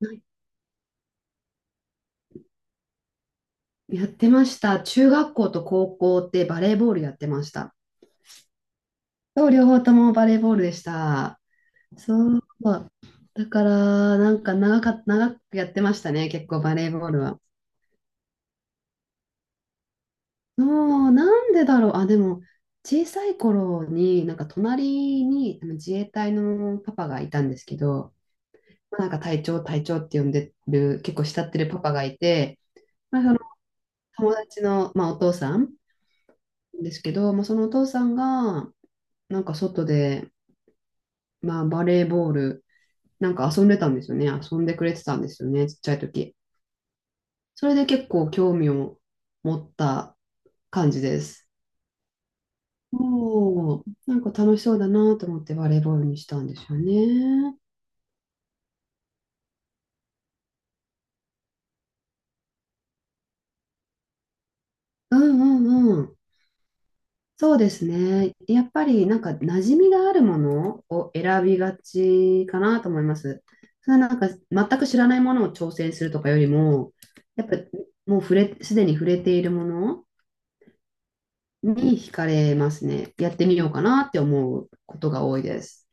はい、やってました。中学校と高校ってバレーボールやってました。そう、両方ともバレーボールでした。そう。だから、長くやってましたね、結構バレーボールは。そう、なんでだろう。あ、でも、小さい頃に、なんか隣にあの自衛隊のパパがいたんですけど、なんか隊長って呼んでる、結構慕ってるパパがいて、まあ、その友達の、まあ、お父さんですけど、まあ、そのお父さんが、なんか外で、まあバレーボール、なんか遊んでたんですよね。遊んでくれてたんですよね、ちっちゃい時。それで結構興味を持った感じです。おー、なんか楽しそうだなと思ってバレーボールにしたんですよね。うんうんうん。そうですね。やっぱりなんか馴染みがあるものを選びがちかなと思います。それはなんか全く知らないものを挑戦するとかよりも、やっぱもう触れ、すでに触れているものに惹かれますね。やってみようかなって思うことが多いです。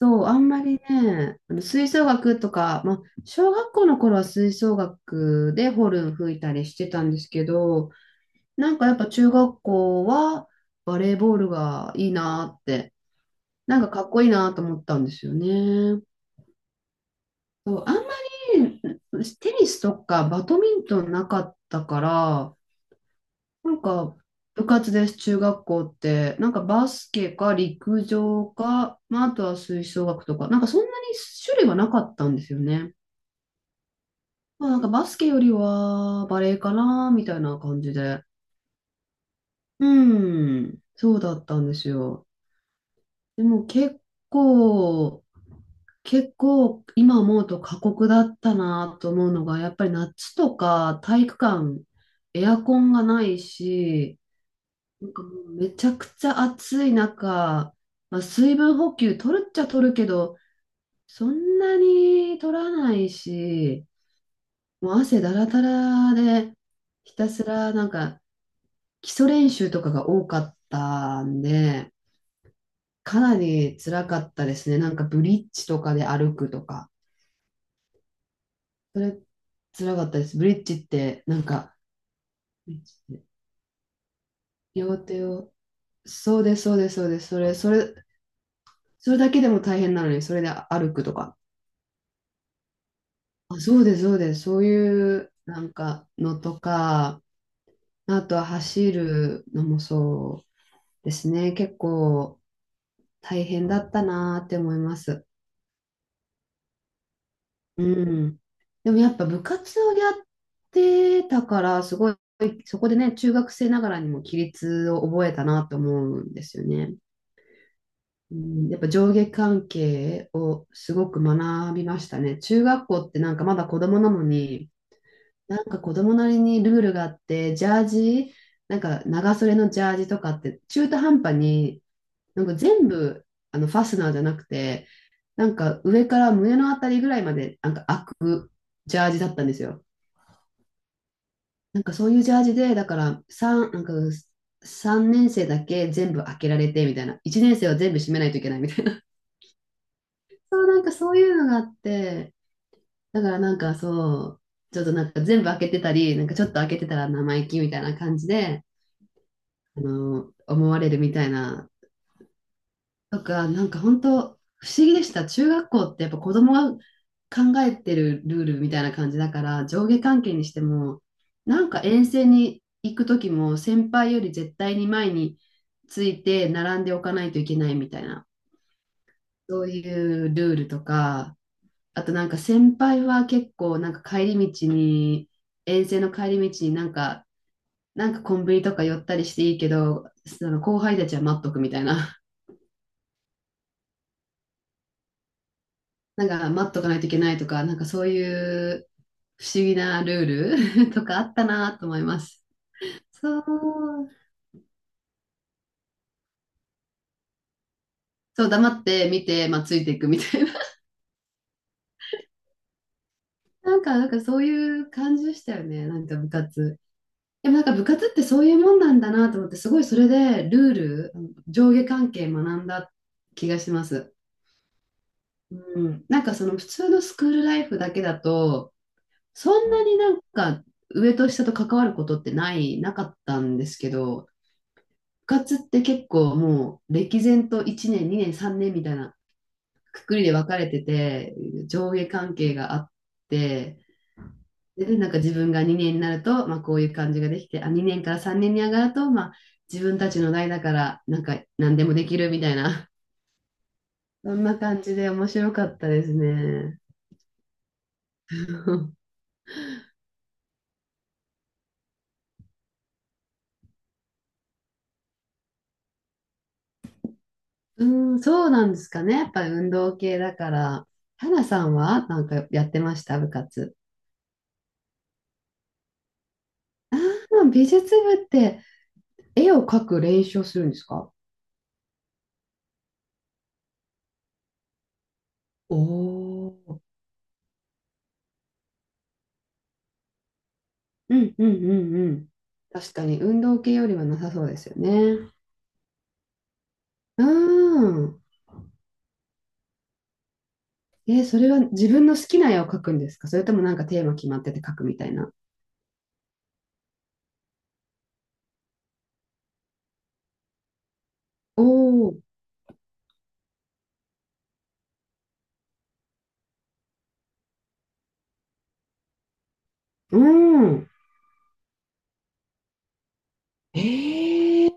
そう、あんまりね、あの吹奏楽とか、まあ、小学校の頃は吹奏楽でホルン吹いたりしてたんですけど、なんかやっぱ中学校はバレーボールがいいなって、なんかかっこいいなと思ったんですよね。そう、あんまりテニスとかバドミントンなかったから、なんか、部活です、中学校って。なんかバスケか陸上か、まあ、あとは吹奏楽とか、なんかそんなに種類はなかったんですよね。まあ、なんかバスケよりはバレエかな、みたいな感じで。うん、そうだったんですよ。でも構、結構今思うと過酷だったなと思うのが、やっぱり夏とか体育館、エアコンがないし、もうめちゃくちゃ暑い中、まあ、水分補給取るっちゃ取るけど、そんなに取らないし、もう汗だらだらで、ひたすらなんか基礎練習とかが多かったんで、かなり辛かったですね。なんかブリッジとかで歩くとか、それ辛かったです。ブリッジってなんか、ブリッジって両手を、そうです、そうです、そうです、それ、それだけでも大変なのに、それで歩くとか。あ、そうです。そういうなんかのとか、あとは走るのもそうですね。結構大変だったなーって思います。うん。でもやっぱ部活をやってたから、すごい、そこでね、中学生ながらにも規律を覚えたなと思うんですよね。うん、やっぱ上下関係をすごく学びましたね。中学校ってなんかまだ子供なのに、なんか子供なりにルールがあって、ジャージ、なんか長袖のジャージとかって中途半端に、なんか全部あのファスナーじゃなくて、なんか上から胸のあたりぐらいまでなんか開くジャージだったんですよ。なんかそういうジャージで、だから3、なんか3年生だけ全部開けられてみたいな、1年生は全部閉めないといけないみたいな、そうなんかそういうのがあって、だからなんかそう、ちょっとなんか全部開けてたり、なんかちょっと開けてたら生意気みたいな感じで、あの、思われるみたいな、とか、なんか本当不思議でした。中学校ってやっぱ子供が考えてるルールみたいな感じだから、上下関係にしても、なんか遠征に行く時も、先輩より絶対に前について並んでおかないといけないみたいな、そういうルールとか、あとなんか先輩は結構なんか帰り道に、遠征の帰り道になんか、なんかコンビニとか寄ったりしていいけど、その後輩たちは待っとくみたいな。なんか待っとかないといけないとか、なんかそういう不思議なルール とかあったなと思います。そう、そう黙って見て、まあ、ついていくみたいな。なんかそういう感じでしたよね、なんか部活。でもなんか部活ってそういうもんなんだなと思って、すごいそれでルール、上下関係学んだ気がします。うん、なんかその普通のスクールライフだけだと、そんなになんか上と下と関わることってない、なかったんですけど、活って結構もう歴然と1年、2年、3年みたいなくくりで分かれてて、上下関係があって、で、なんか自分が2年になると、まあこういう感じができて、あ、2年から3年に上がると、まあ自分たちの代だから、なんか何でもできるみたいな、そんな感じで面白かったですね。うん、そうなんですかね。やっぱり運動系だから。花さんはなんかやってました、部活？ああ、美術部って絵を描く練習をするんですか？おー、うんうんうんうん。確かに運動系よりはなさそうですよね。うん。えー、それは自分の好きな絵を描くんですか、それともなんかテーマ決まってて描くみたいな？おお、うん。えー、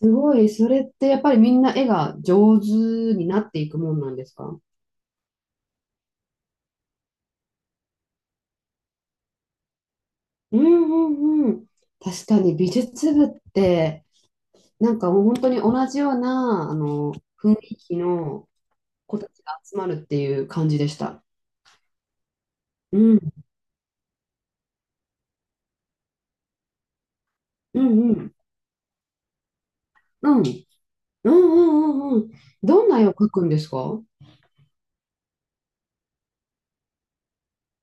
すごい。それってやっぱりみんな絵が上手になっていくもんなんですか？うんうんうん。確かに美術部ってなんかもう本当に同じようなあの雰囲気の子たちが集まるっていう感じでした。うんうん。うん。うんうんうんうん。どんな絵を描くんですか？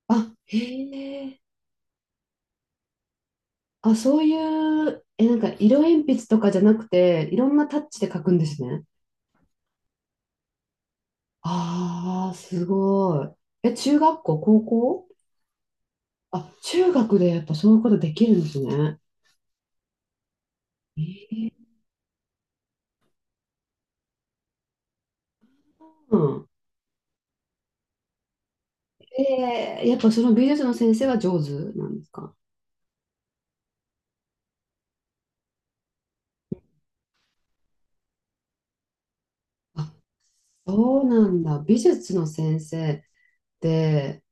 あ、へえ。あ、そういう、え、なんか色鉛筆とかじゃなくて、いろんなタッチで描くんですね。ああ、すごい。え、中学校、高校？あ、中学でやっぱそういうことできるんですね。えー、うん。えー、やっぱその美術の先生は上手なんですか？あ、そうなんだ。美術の先生って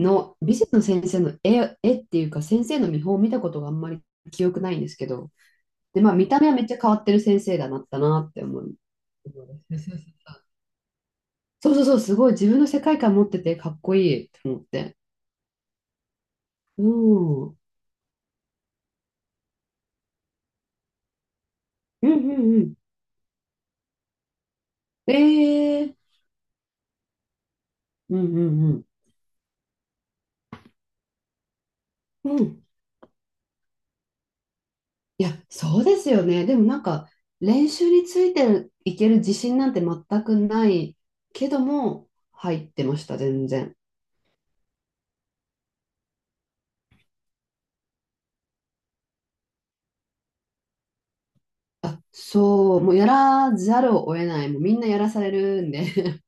の、美術の先生の絵、絵っていうか、先生の見本を見たことがあんまり記憶ないんですけど、で、まあ、見た目はめっちゃ変わってる先生だなったなって思う。そうそうそう、すごい自分の世界観持っててかっこいいって思って。うん。うんうんうん。ええ、うんうんうん。うん。いや、そうですよね。でもなんか、練習についていける自信なんて全くないけども、入ってました、全然。あ、そう、もうやらざるを得ない、もうみんなやらされるんで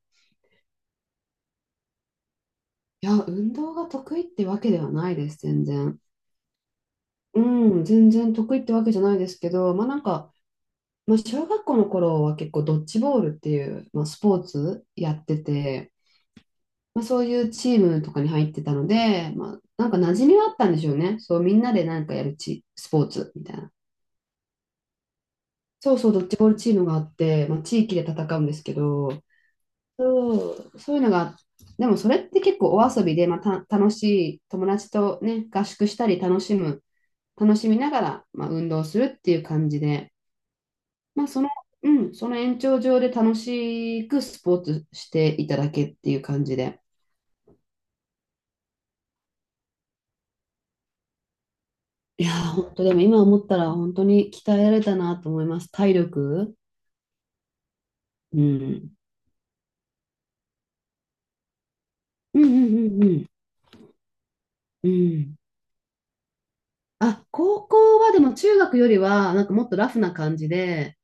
いや、運動が得意ってわけではないです、全然。うん、全然得意ってわけじゃないですけど、まあなんか、まあ、小学校の頃は結構ドッジボールっていう、まあ、スポーツやってて、まあ、そういうチームとかに入ってたので、まあ、なんか馴染みはあったんでしょうね。そう、みんなでなんかやるチ、スポーツみたいな。そうそう、ドッジボールチームがあって、まあ、地域で戦うんですけど、そう、そういうのが、でもそれって結構お遊びで、まあ、楽しい友達とね、合宿したり楽しむ、楽しみながら、まあ、運動するっていう感じで、まあ、その、うん、その延長上で楽しくスポーツしていただけっていう感じで。いやー、本当でも今思ったら本当に鍛えられたなと思います。体力。うん。うんうんうんうん。うん。あ、高校はでも中学よりはなんかもっとラフな感じで、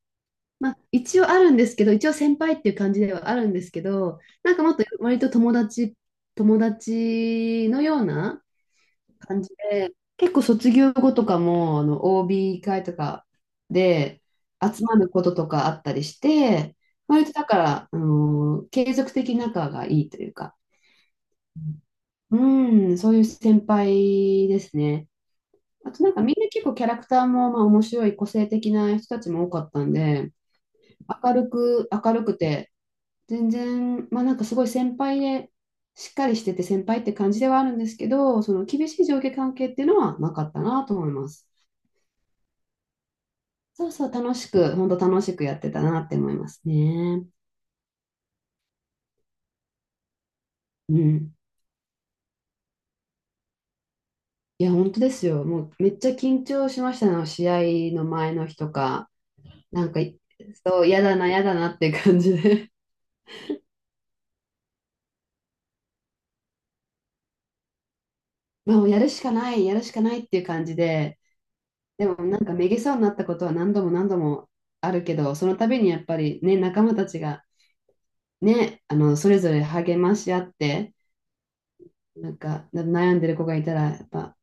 まあ、一応あるんですけど、一応先輩っていう感じではあるんですけど、なんかもっと割と友達のような感じで、結構卒業後とかも、あの、OB 会とかで集まることとかあったりして、割とだから、あの、継続的に仲がいいというか、うん、そういう先輩ですね。あとなんかみんな結構キャラクターもまあ面白い個性的な人たちも多かったんで、明るくて、全然、まあなんかすごい先輩で、しっかりしてて先輩って感じではあるんですけど、その厳しい上下関係っていうのはなかったなと思います。そうそう、楽しく、本当楽しくやってたなって思いますね。うん。いや、本当ですよ。もうめっちゃ緊張しましたの、試合の前の日とか。なんか、そう、嫌だなっていう感じで。まあ、もうやるしかないっていう感じで。でもなんかめげそうになったことは何度も何度もあるけど、その度にやっぱりね、仲間たちがね、あの、それぞれ励まし合って、なんか、悩んでる子がいたら、やっぱ、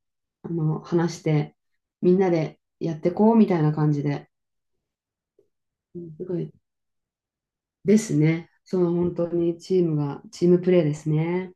あの、話して、みんなでやってこうみたいな感じで、うん、すごいですね。その本当にチームプレーですね。